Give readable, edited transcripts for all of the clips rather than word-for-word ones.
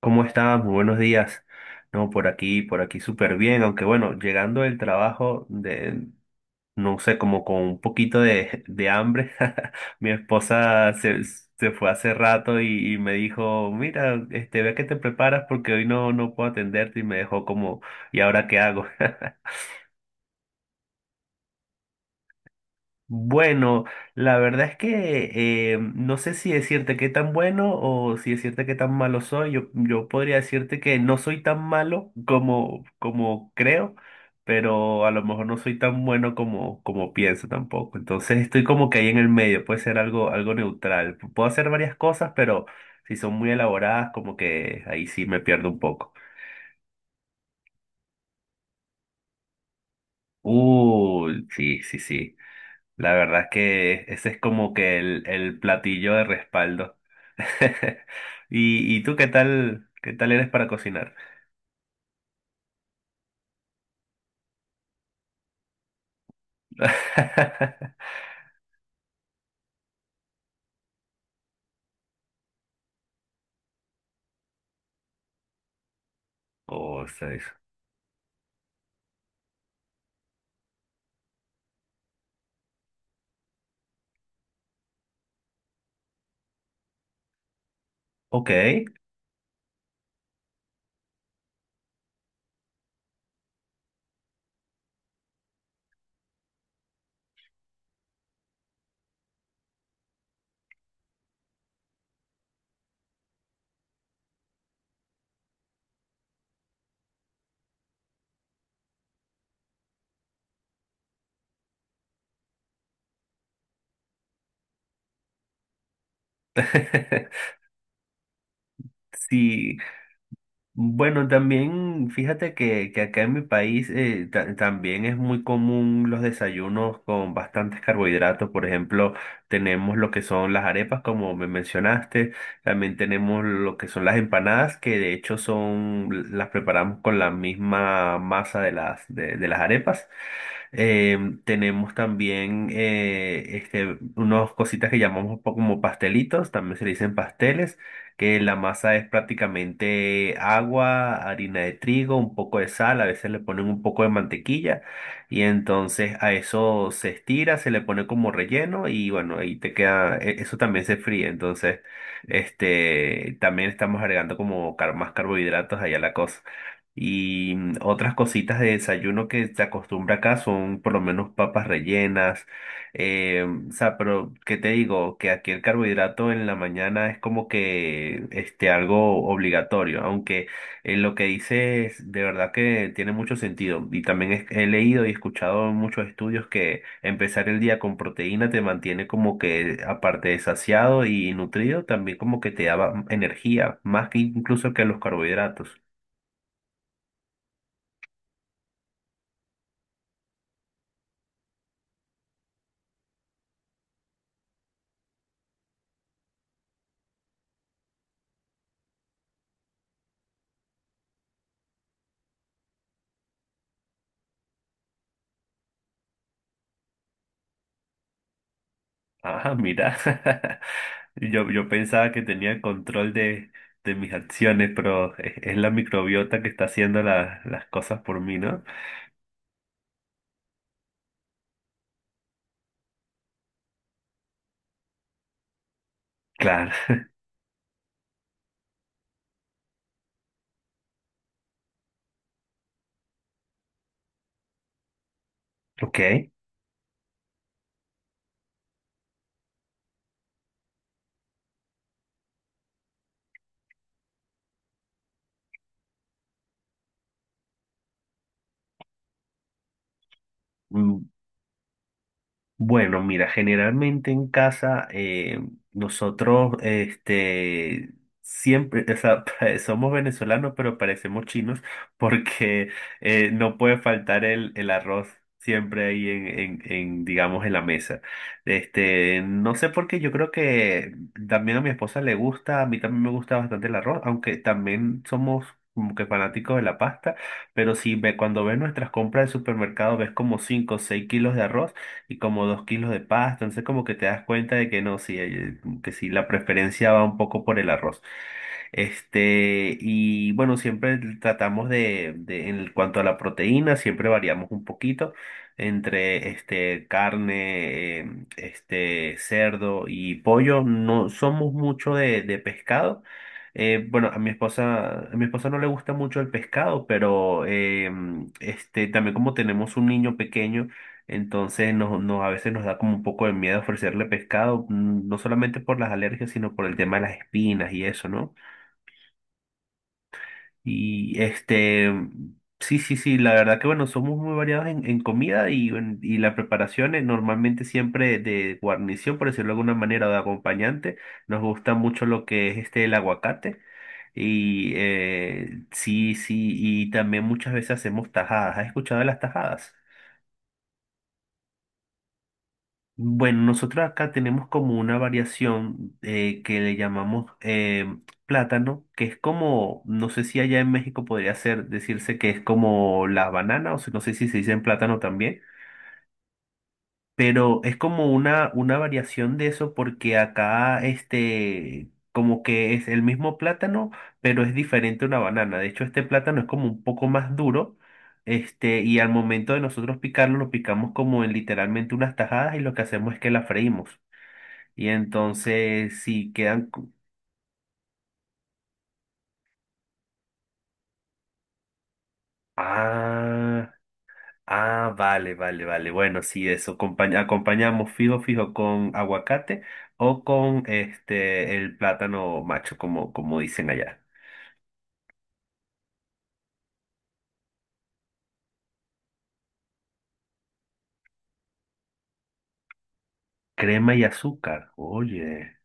¿Cómo estás? Muy buenos días. No, por aquí súper bien, aunque bueno, llegando del trabajo de, no sé, como con un poquito de hambre. Mi esposa se fue hace rato y me dijo, mira, ve que te preparas porque hoy no puedo atenderte y me dejó como, ¿y ahora qué hago? Bueno, la verdad es que no sé si decirte qué tan bueno o si decirte qué tan malo soy. Yo podría decirte que no soy tan malo como, como creo, pero a lo mejor no soy tan bueno como, como pienso tampoco. Entonces estoy como que ahí en el medio, puede ser algo, algo neutral. Puedo hacer varias cosas, pero si son muy elaboradas, como que ahí sí me pierdo un poco. Sí, sí, sí. La verdad es que ese es como que el platillo de respaldo. Y, ¿y tú qué tal eres para cocinar? Oh, seis. Ok. Sí, bueno, también fíjate que acá en mi país también es muy común los desayunos con bastantes carbohidratos. Por ejemplo, tenemos lo que son las arepas, como me mencionaste. También tenemos lo que son las empanadas, que de hecho son, las preparamos con la misma masa de las, de las arepas. Tenemos también unas cositas que llamamos como pastelitos, también se le dicen pasteles, que la masa es prácticamente agua, harina de trigo, un poco de sal, a veces le ponen un poco de mantequilla y entonces a eso se estira, se le pone como relleno y bueno, ahí te queda, eso también se fríe, entonces también estamos agregando como más carbohidratos allá a la cosa. Y otras cositas de desayuno que se acostumbra acá son por lo menos papas rellenas. O sea, pero ¿qué te digo? Que aquí el carbohidrato en la mañana es como que algo obligatorio, aunque lo que dices de verdad que tiene mucho sentido. Y también he leído y escuchado en muchos estudios que empezar el día con proteína te mantiene como que aparte de saciado y nutrido, también como que te da energía, más que incluso que los carbohidratos. Ah, mira. Yo pensaba que tenía control de mis acciones, pero es la microbiota que está haciendo las cosas por mí, ¿no? Claro. Ok. Mm, bueno, mira, generalmente en casa nosotros siempre, o sea, somos venezolanos, pero parecemos chinos porque no puede faltar el arroz siempre ahí en, digamos, en la mesa. No sé por qué, yo creo que también a mi esposa le gusta, a mí también me gusta bastante el arroz, aunque también somos como que fanáticos de la pasta, pero si ve, cuando ves nuestras compras de supermercado ves como 5 o 6 kilos de arroz y como dos kilos de pasta. Entonces como que te das cuenta de que no, sí, hay- que sí, la preferencia va un poco por el arroz. Y bueno, siempre tratamos en cuanto a la proteína, siempre variamos un poquito entre carne, cerdo y pollo. No somos mucho de pescado. Bueno, a mi esposa no le gusta mucho el pescado, pero también como tenemos un niño pequeño, entonces nos- a veces nos da como un poco de miedo ofrecerle pescado, no solamente por las alergias, sino por el tema de las espinas y eso, ¿no? Y sí, sí, sí, la verdad que bueno, somos muy variados en comida y, en- y la preparación es normalmente siempre de guarnición, por decirlo de alguna manera, o de acompañante. Nos gusta mucho lo que es el aguacate. Y sí, sí, y también muchas veces hacemos tajadas. ¿Has escuchado de las tajadas? Bueno, nosotros acá tenemos como una variación que le llamamos plátano, que es como, no sé si allá en México podría ser, decirse que es como la banana, o si- no sé si se dice en plátano también, pero es como una variación de eso porque acá como que es el mismo plátano, pero es diferente a una banana. De hecho, este plátano es como un poco más duro. Y al momento de nosotros picarlo, lo picamos como en literalmente unas tajadas y lo que hacemos es que la freímos. Y entonces, sí, quedan... Ah, ah, vale, vale, vale. Bueno, sí, eso. Acompañamos fijo, fijo con aguacate o con el plátano macho, como, como dicen allá. Crema y azúcar. Oye.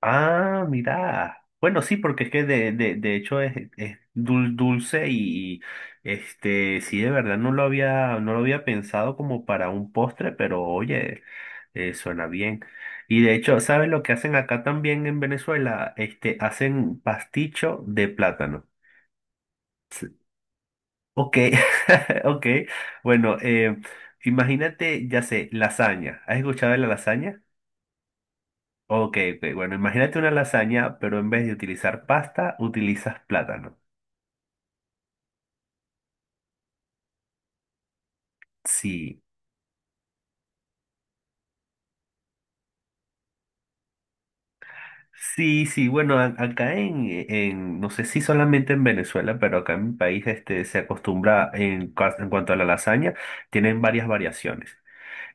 Ah, mira. Bueno, sí, porque es que de, de hecho es dulce y, sí, de verdad no lo había, no lo había pensado como para un postre, pero oye, suena bien. Y de hecho, ¿sabes lo que hacen acá también en Venezuela? Hacen pasticho de plátano. Ok, ok. Bueno, imagínate, ya sé, lasaña. ¿Has escuchado de la lasaña? Ok, ok, bueno, imagínate una lasaña, pero en vez de utilizar pasta, utilizas plátano. Sí, sí, sí, bueno, acá en, no sé si solamente en Venezuela, pero acá en mi país se acostumbra en, en cuanto a la lasaña, tienen varias variaciones.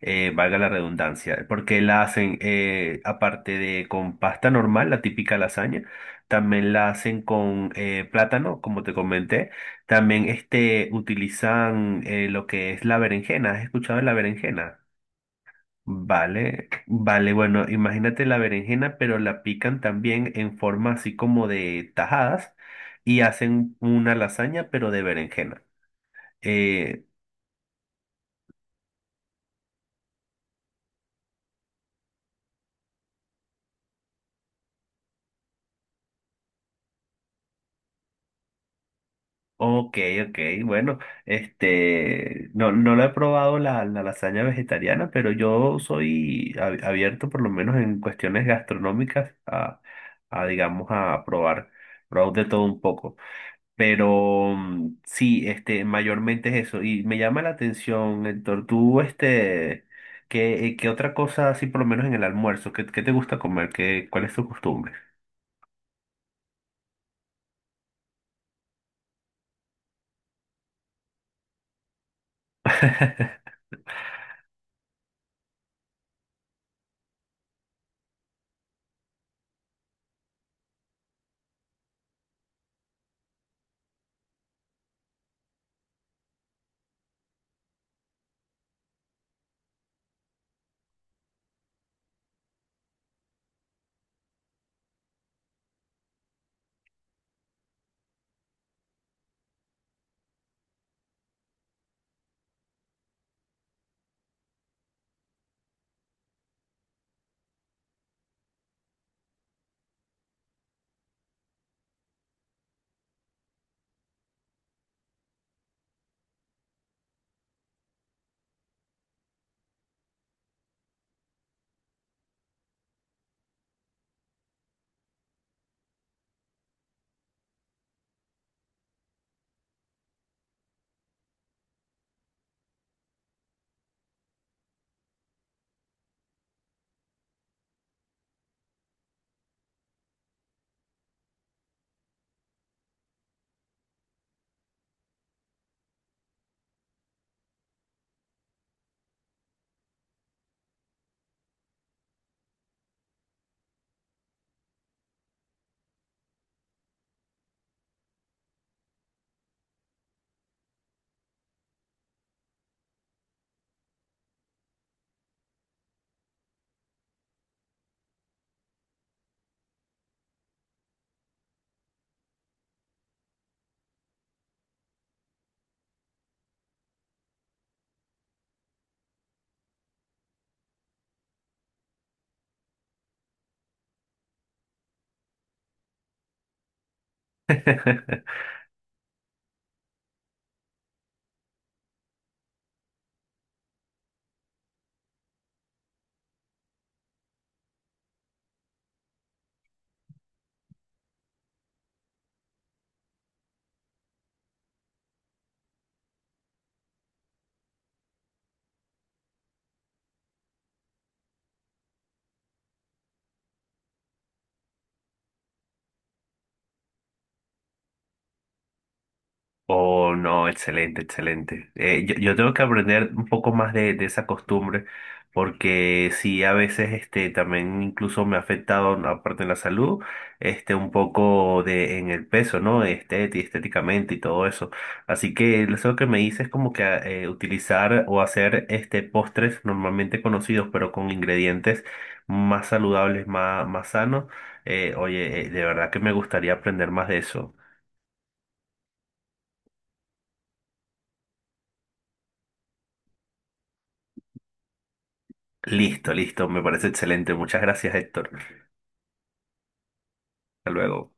Valga la redundancia, porque la hacen, aparte de con pasta normal, la típica lasaña, también la hacen con plátano, como te comenté, también utilizan lo que es la berenjena, ¿has escuchado de la berenjena? Vale, vale, bueno, imagínate la berenjena, pero la pican también en forma así como de tajadas y hacen una lasaña, pero de berenjena. Eh, Ok, ok, bueno, no, no lo he probado la, la lasaña vegetariana, pero yo soy abierto por lo menos en cuestiones gastronómicas a digamos, a probar, probar de todo un poco. Pero sí, mayormente es eso. Y me llama la atención, Héctor, tú, ¿qué, qué otra cosa así por lo menos en el almuerzo? ¿Qué, qué te gusta comer? ¿Qué, cuál es tu costumbre? Oh, no, excelente, excelente. Yo tengo que aprender un poco más de esa costumbre, porque sí, a veces también incluso me ha afectado, ¿no? Aparte en la salud, un poco de, en el peso, ¿no? Estéticamente y todo eso. Así que eso que me dices es como que utilizar o hacer postres normalmente conocidos, pero con ingredientes más saludables, más, más sanos. Oye, de verdad que me gustaría aprender más de eso. Listo, listo, me parece excelente. Muchas gracias, Héctor. Hasta luego.